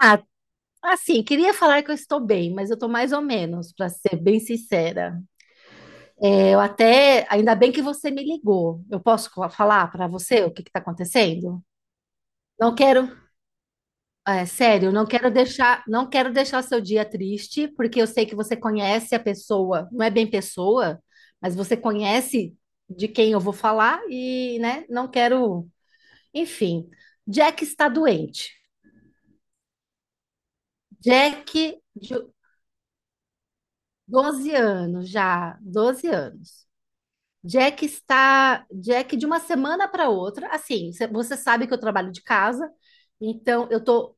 Ah, assim, queria falar que eu estou bem, mas eu estou mais ou menos, para ser bem sincera. É, eu até, ainda bem que você me ligou. Eu posso falar para você o que está acontecendo? Não quero, é, sério, não quero deixar o seu dia triste, porque eu sei que você conhece a pessoa, não é bem pessoa, mas você conhece de quem eu vou falar e, né, não quero, enfim. Jack está doente. Jack, de 12 anos já, 12 anos. Jack está. Jack, de uma semana para outra, assim, você sabe que eu trabalho de casa, então eu tô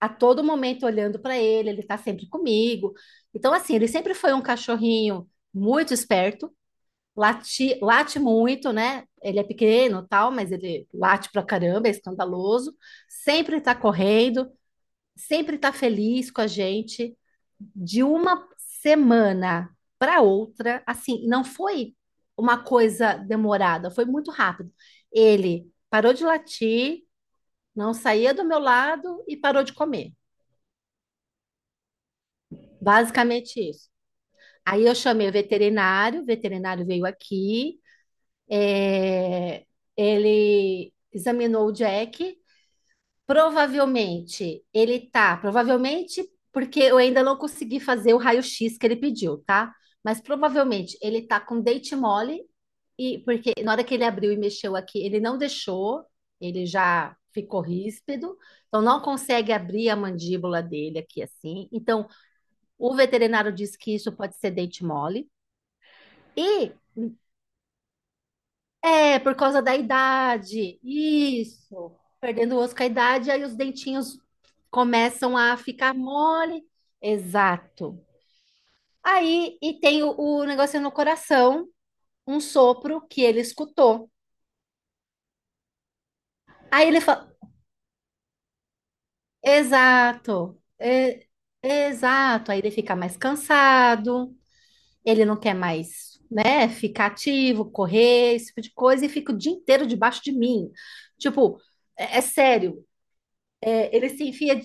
a todo momento olhando para ele, ele tá sempre comigo. Então, assim, ele sempre foi um cachorrinho muito esperto, late muito, né? Ele é pequeno, tal, mas ele late pra caramba, é escandaloso, sempre tá correndo, sempre está feliz com a gente, de uma semana para outra, assim, não foi uma coisa demorada, foi muito rápido. Ele parou de latir, não saía do meu lado e parou de comer. Basicamente isso. Aí eu chamei o veterinário veio aqui, é, ele examinou o Jack. Provavelmente porque eu ainda não consegui fazer o raio-x que ele pediu, tá? Mas provavelmente ele tá com dente mole, e porque na hora que ele abriu e mexeu aqui, ele não deixou, ele já ficou ríspido, então não consegue abrir a mandíbula dele aqui assim. Então o veterinário diz que isso pode ser dente mole. E é, por causa da idade. Isso. Perdendo o osso com a idade, aí os dentinhos começam a ficar mole. Exato. Aí, e tem o negócio no coração, um sopro que ele escutou. Aí ele fala, exato, exato. Aí ele fica mais cansado, ele não quer mais, né, ficar ativo, correr, esse tipo de coisa, e fica o dia inteiro debaixo de mim. Tipo, é sério, ele se enfia,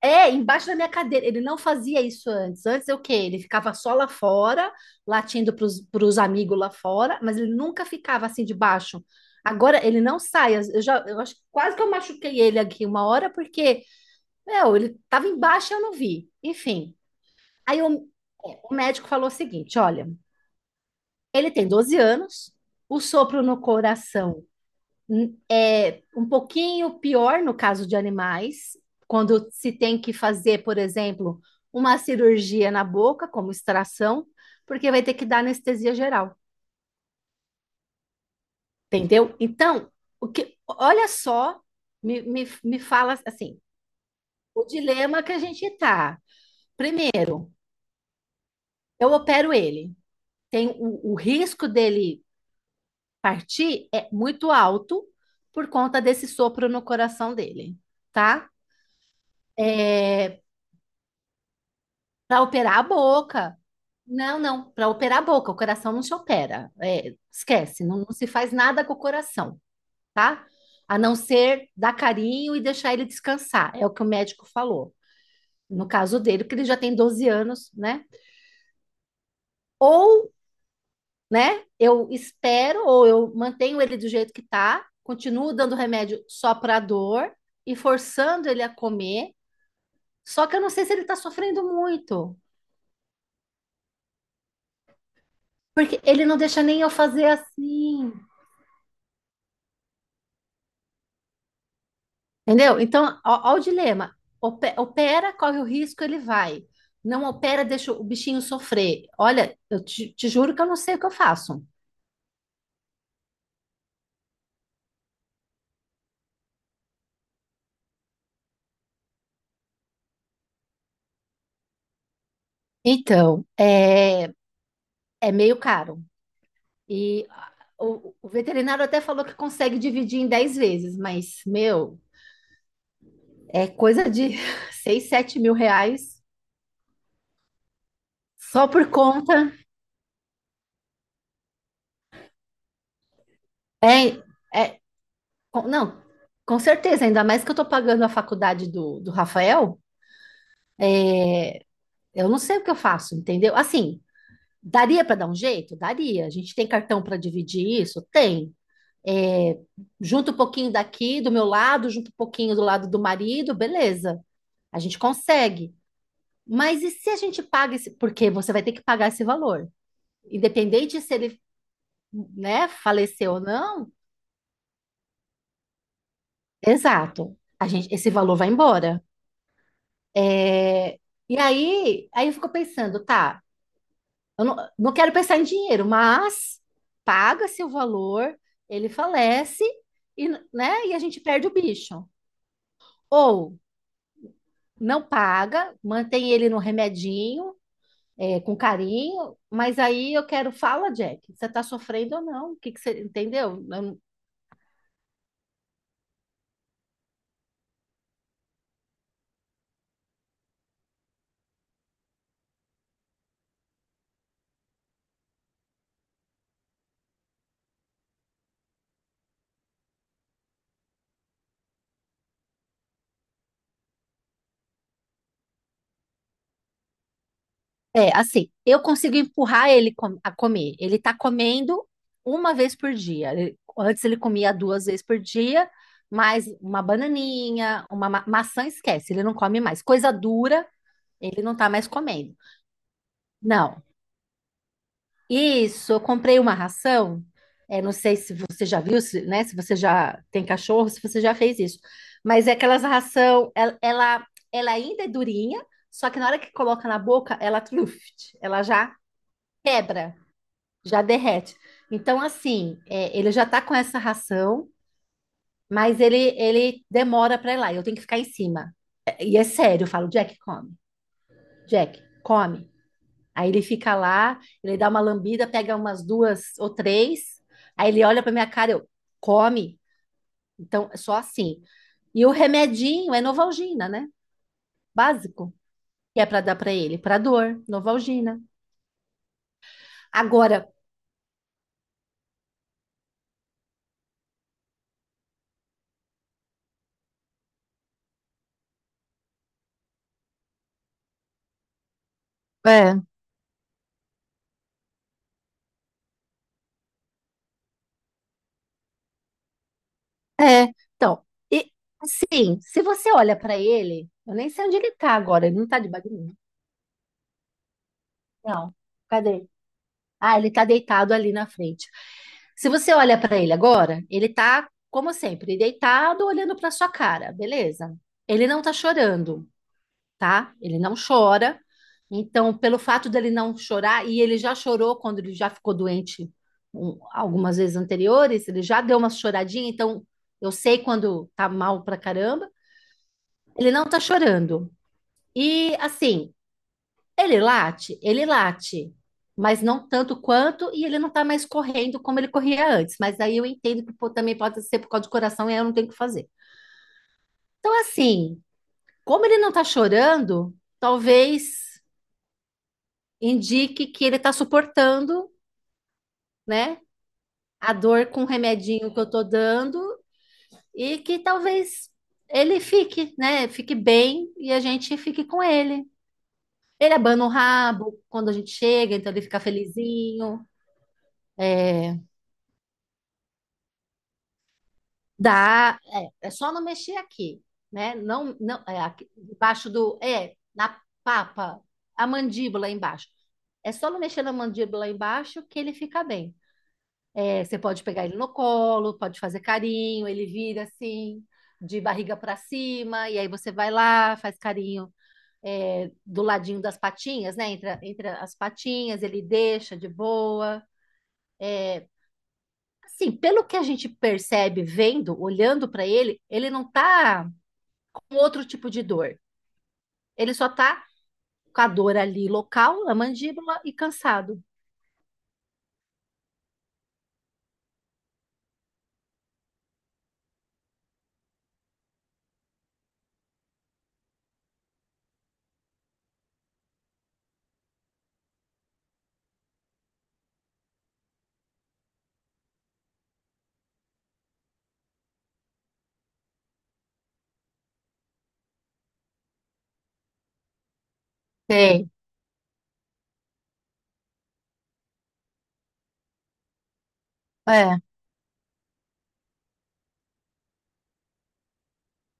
Embaixo da minha cadeira. Ele não fazia isso antes. Antes é o quê? Ele ficava só lá fora, latindo para os amigos lá fora, mas ele nunca ficava assim debaixo. Agora ele não sai. Eu já, eu acho que quase que eu machuquei ele aqui uma hora, porque, meu, ele estava embaixo e eu não vi. Enfim. Aí o médico falou o seguinte: olha, ele tem 12 anos, o sopro no coração é um pouquinho pior no caso de animais, quando se tem que fazer, por exemplo, uma cirurgia na boca, como extração, porque vai ter que dar anestesia geral, entendeu? Então, o que, olha só, me fala assim, o dilema que a gente está. Primeiro, eu opero ele. Tem o risco dele partir é muito alto por conta desse sopro no coração dele, tá? É, para operar a boca. Não, não, para operar a boca, o coração não se opera. É, esquece, não, não se faz nada com o coração, tá? A não ser dar carinho e deixar ele descansar. É o que o médico falou. No caso dele, porque ele já tem 12 anos, né? Ou, né, eu espero, ou eu mantenho ele do jeito que tá, continuo dando remédio só para dor e forçando ele a comer. Só que eu não sei se ele tá sofrendo muito, porque ele não deixa nem eu fazer assim. Entendeu? Então, ó, o dilema. Opera, corre o risco, ele vai. Não opera, deixa o bichinho sofrer. Olha, eu te juro que eu não sei o que eu faço. Então, é meio caro. E ah, o veterinário até falou que consegue dividir em 10 vezes, mas, meu, é coisa de 6, 7 mil reais só por conta. É, é, não, com certeza, ainda mais que eu tô pagando a faculdade do Rafael, eu não sei o que eu faço, entendeu? Assim, daria para dar um jeito? Daria. A gente tem cartão para dividir isso? Tem. É, junta um pouquinho daqui do meu lado, junta um pouquinho do lado do marido, beleza. A gente consegue. Mas e se a gente paga esse? Porque você vai ter que pagar esse valor. Independente se ele, né, faleceu ou não, exato. A gente, esse valor vai embora. É, e aí, eu fico pensando, tá, eu não quero pensar em dinheiro, mas paga-se o valor, ele falece e, né, e a gente perde o bicho. Ou não paga, mantém ele no remedinho, é, com carinho, mas aí eu quero, fala, Jack, você está sofrendo ou não? O que que você, entendeu? Eu é, assim, eu consigo empurrar ele a comer. Ele tá comendo uma vez por dia. Antes ele comia duas vezes por dia, mas uma bananinha, uma maçã, esquece, ele não come mais. Coisa dura, ele não tá mais comendo. Não. Isso, eu comprei uma ração. É, não sei se você já viu, se, né? Se você já tem cachorro, se você já fez isso. Mas é aquelas ração, ela ainda é durinha, só que na hora que coloca na boca, ela truft, ela já quebra, já derrete. Então, assim, é, ele já tá com essa ração, mas ele demora pra ir lá, e eu tenho que ficar em cima. E é sério, eu falo, Jack, come. Jack, come. Aí ele fica lá, ele dá uma lambida, pega umas duas ou três, aí ele olha pra minha cara, eu, come. Então, é só assim. E o remedinho é Novalgina, né? Básico. Que é pra dar pra ele, pra dor, Novalgina. Agora, é. É, então, e sim, se você olha pra ele, eu nem sei onde ele tá agora, ele não tá debaixo de mim. Não, cadê? Ah, ele tá deitado ali na frente. Se você olha pra ele agora, ele tá, como sempre, deitado, olhando pra sua cara, beleza? Ele não tá chorando, tá? Ele não chora. Então, pelo fato dele não chorar, e ele já chorou quando ele já ficou doente algumas vezes anteriores, ele já deu uma choradinha, então eu sei quando tá mal pra caramba. Ele não tá chorando. E assim, ele late, mas não tanto quanto, e ele não tá mais correndo como ele corria antes. Mas aí eu entendo que pô, também pode ser por causa do coração e aí eu não tenho o que fazer. Então, assim, como ele não tá chorando, talvez indique que ele tá suportando, né, a dor com o remedinho que eu tô dando e que talvez ele fique, né, fique bem e a gente fique com ele. Ele abana o rabo quando a gente chega, então ele fica felizinho. É, dá, é só não mexer aqui, né? Não, não, aqui, embaixo do, é, na papa, a mandíbula embaixo. É só não mexer na mandíbula embaixo que ele fica bem. É, você pode pegar ele no colo, pode fazer carinho, ele vira assim, de barriga para cima, e aí você vai lá, faz carinho, é, do ladinho das patinhas, né? Entre, entre as patinhas, ele deixa de boa. Assim, pelo que a gente percebe vendo, olhando para ele, ele não tá com outro tipo de dor. Ele só tá com a dor ali local, na mandíbula e cansado. Sei. É,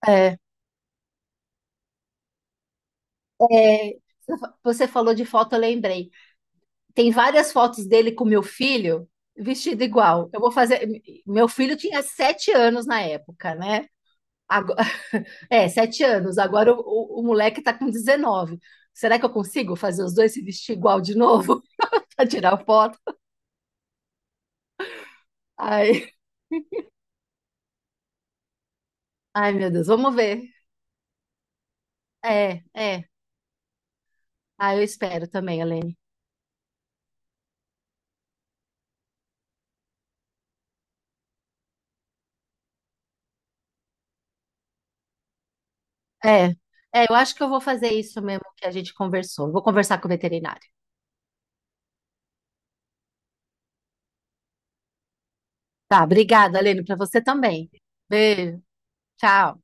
é. É, você falou de foto, eu lembrei. Tem várias fotos dele com meu filho vestido igual. Eu vou fazer. Meu filho tinha 7 anos na época, né? Agora- É, 7 anos. Agora o moleque tá com 19. Será que eu consigo fazer os dois se vestir igual de novo para tirar foto? Ai, ai, meu Deus, vamos ver. É, é. Ah, eu espero também, Helene. É, é, eu acho que eu vou fazer isso mesmo que a gente conversou. Eu vou conversar com o veterinário. Tá, obrigada, Helene, para você também. Beijo, tchau.